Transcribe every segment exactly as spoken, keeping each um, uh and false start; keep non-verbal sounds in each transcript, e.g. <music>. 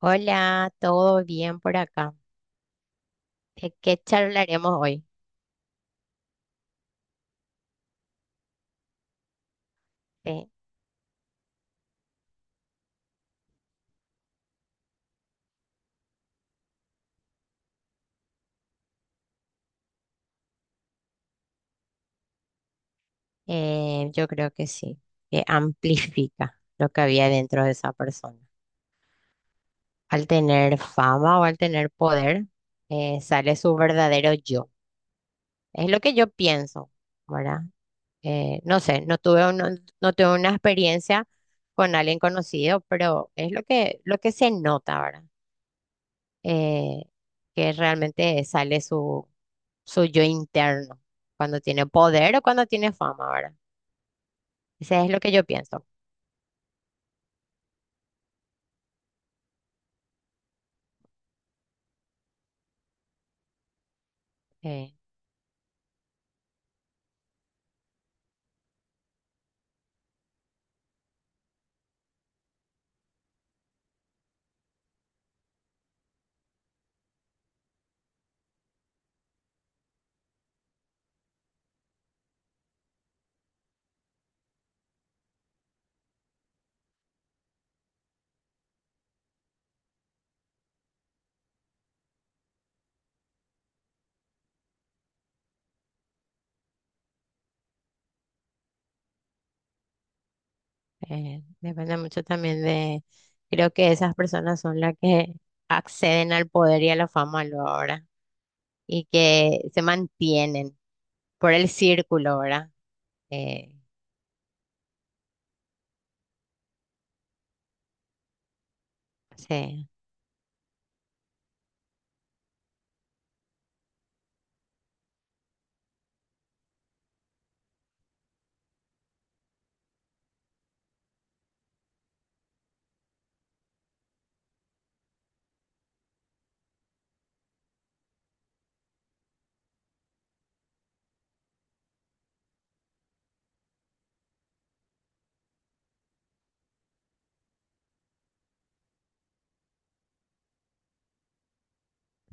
Hola, ¿todo bien por acá? ¿De qué charlaremos hoy? Eh, eh, yo creo que sí, que <laughs> amplifica lo que había dentro de esa persona. Al tener fama o al tener poder, eh, sale su verdadero yo. Es lo que yo pienso, ¿verdad? Eh, no sé, no tuve, uno- no tuve una experiencia con alguien conocido, pero es lo que, lo que se nota, ¿verdad? eh, que realmente sale su, su yo interno, cuando tiene poder o cuando tiene fama, ¿verdad? Ese es lo que yo pienso. eh, eh, Depende mucho también de, creo que esas personas son las que acceden al poder y a la fama luego, ¿verdad? Y que se mantienen por el círculo, ¿verdad? Eh, sí.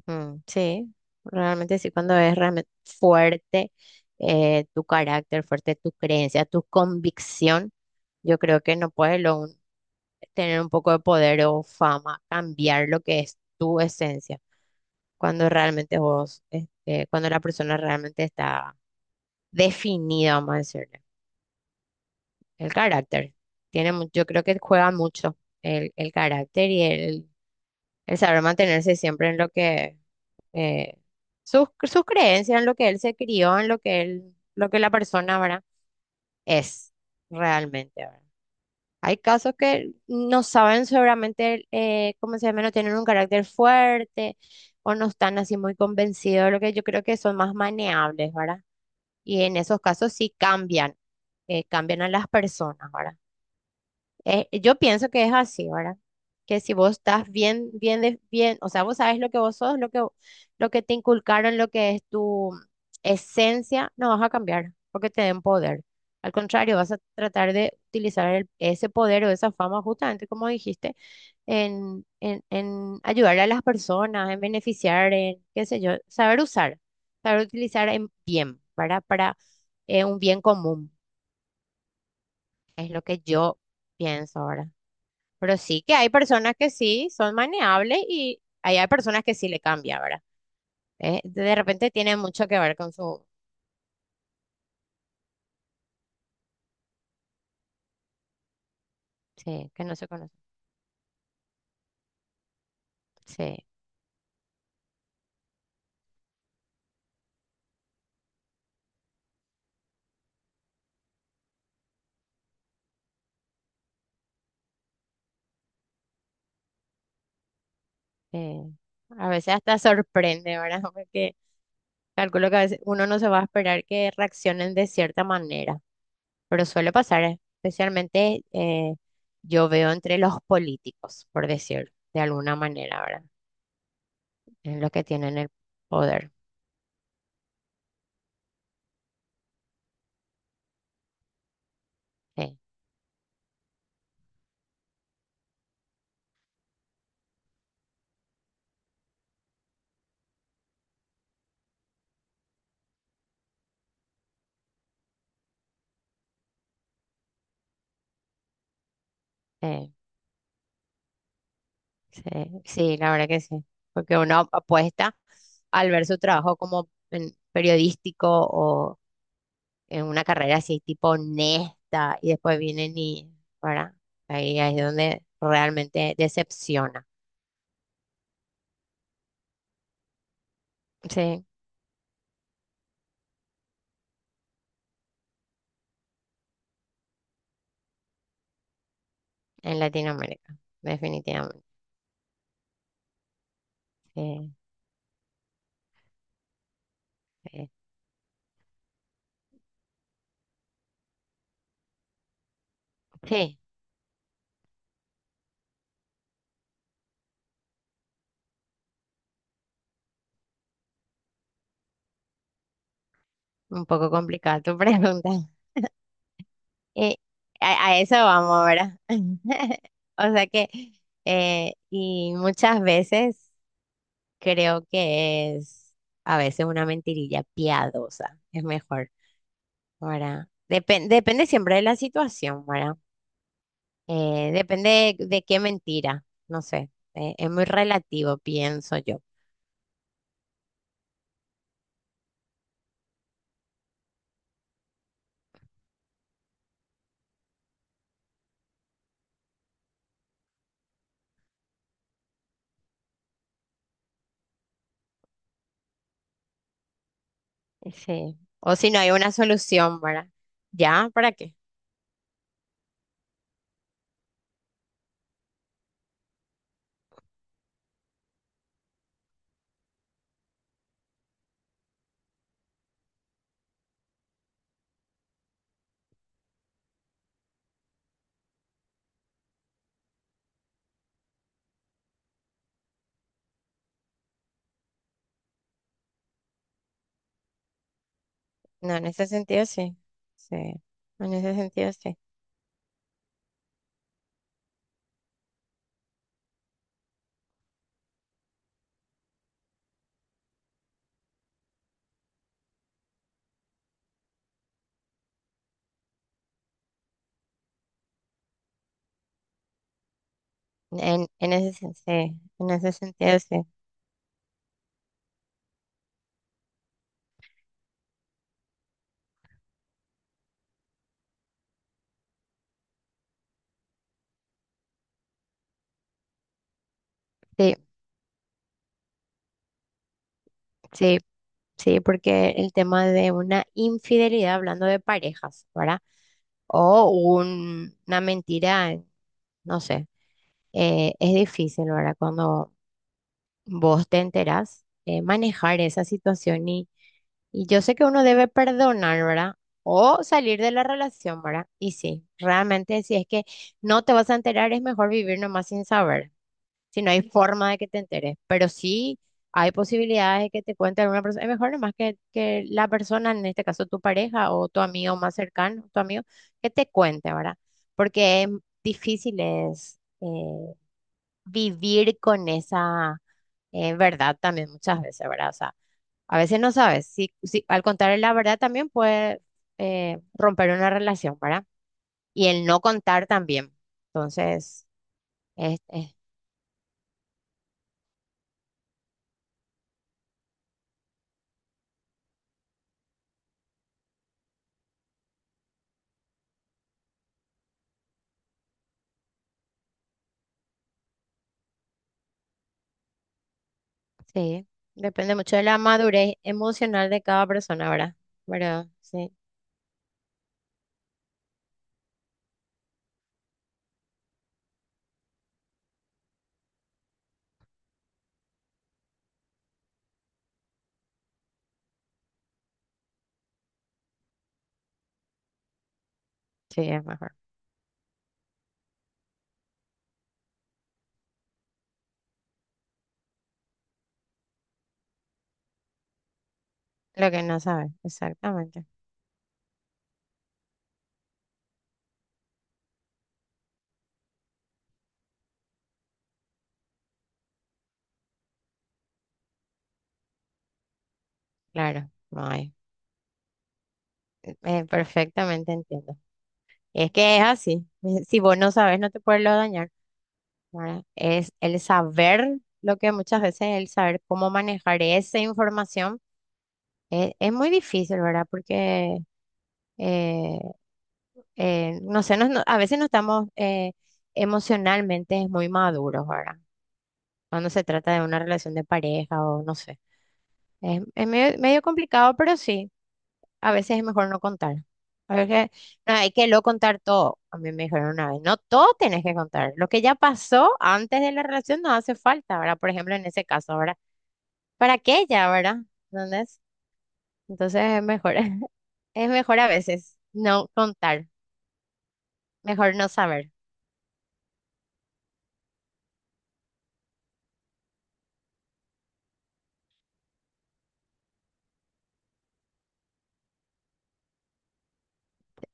Mm, sí, realmente sí, cuando es realmente fuerte eh, tu carácter, fuerte tu creencia, tu convicción, yo creo que no puedes lo un- tener un poco de poder o fama, cambiar lo que es tu esencia, cuando realmente vos, este, cuando la persona realmente está definida, vamos a decirle. El carácter. Tiene, mu- yo creo que juega mucho el, el carácter y el, el saber mantenerse siempre en lo que, eh, sus, sus creencias, en lo que él se crió, en lo que él, lo que la persona, ¿verdad? Es realmente, ¿verdad? Hay casos que no saben seguramente, eh, ¿cómo se llama? No tienen un carácter fuerte o no están así muy convencidos, de lo que yo creo que son más maneables, ¿verdad? Y en esos casos sí cambian, eh, cambian a las personas, ¿verdad? Eh, yo pienso que es así, ¿verdad? Que si vos estás bien, bien, de- bien, o sea, vos sabes lo que vos sos, lo que, lo que te inculcaron, lo que es tu esencia, no vas a cambiar porque te den poder. Al contrario, vas a tratar de utilizar el- ese poder o esa fama, justamente como dijiste, en, en, en ayudar a las personas, en beneficiar, en qué sé yo, saber usar, saber utilizar en bien, ¿verdad? Para eh, un bien común, es lo que yo pienso ahora. Pero sí que hay personas que sí son maneables y ahí hay personas que sí le cambia, ¿verdad? Eh, de repente tiene mucho que ver con su... Sí, que no se conoce. Sí. eh, a veces hasta sorprende, ¿verdad? <laughs> Porque calculo que a veces uno no se va a esperar que reaccionen de cierta manera, pero suele pasar, eh, especialmente eh, yo veo entre los políticos, por decir, de alguna manera, ¿verdad? En los que tienen el poder. Sí, sí. Sí, sí, la verdad que sí, porque uno apuesta al ver su trabajo como en- periodístico o en una carrera así tipo honesta y después vienen y, ¿verdad? Ahí es donde realmente decepciona. Sí, en Latinoamérica, definitivamente. Sí, sí. Sí, un poco complicada tu <laughs> pregunta. Eh, a, a eso vamos, ¿verdad? <laughs> O sea que, eh, y muchas veces... Creo que es a veces una mentirilla piadosa, es mejor, ¿verdad? Depen- depende siempre de la situación, ¿verdad? Eh, depende de, de qué mentira, no sé, eh, es muy relativo, pienso yo. Sí. O si no hay una solución, ¿verdad? ¿Ya? ¿Para qué? No, en ese sentido sí, sí, en ese sentido sí, en, en ese, sen- sí, en ese sentido sí, sí, sí, sí, porque el tema de una infidelidad, hablando de parejas, ¿verdad? O un- una mentira, en- no sé. Eh, es difícil, ¿verdad? Cuando vos te enterás, eh, manejar esa situación y, y yo sé que uno debe perdonar, ¿verdad? O salir de la relación, ¿verdad? Y sí, realmente si es que no te vas a enterar, es mejor vivir nomás sin saber. Si no hay forma de que te enteres, pero sí hay posibilidades de que te cuente alguna persona. Es mejor nomás que, que la persona, en este caso tu pareja o tu amigo más cercano, tu amigo, que te cuente, ¿verdad? Porque es difícil es eh, vivir con esa eh, verdad también muchas veces, ¿verdad? O sea, a veces no sabes. Si, si al contar la verdad también puede eh, romper una relación, ¿verdad? Y el no contar también. Entonces, es es sí, depende mucho de la madurez emocional de cada persona, ¿verdad? Pero sí, sí, es mejor. Lo que no sabes, exactamente. Claro, no hay. Eh, perfectamente entiendo. Y es que es así. <laughs> Si vos no sabes, no te puedes lo dañar, ¿verdad? Es el saber lo que muchas veces el saber cómo manejar esa información eh, es, muy difícil, ¿verdad? Porque, eh, eh, no sé, no- no- a veces no estamos eh, emocionalmente muy maduros, ¿verdad? Cuando se trata de una relación de pareja o no sé. Es, es medio, medio complicado, pero sí, a veces es mejor no contar. A veces no hay que lo contar todo. A mí me dijeron una vez, no todo tenés que contar. Lo que ya pasó antes de la relación no hace falta, ¿verdad? Por ejemplo, en ese caso, ¿verdad? ¿Para qué ya, verdad? ¿Entendés? Entonces es mejor, <laughs> es mejor a veces no contar, mejor no saber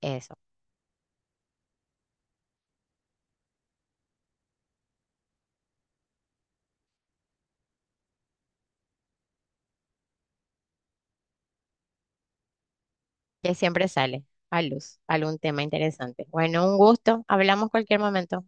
eso, que siempre sale a luz algún tema interesante. Bueno, un gusto, hablamos cualquier momento.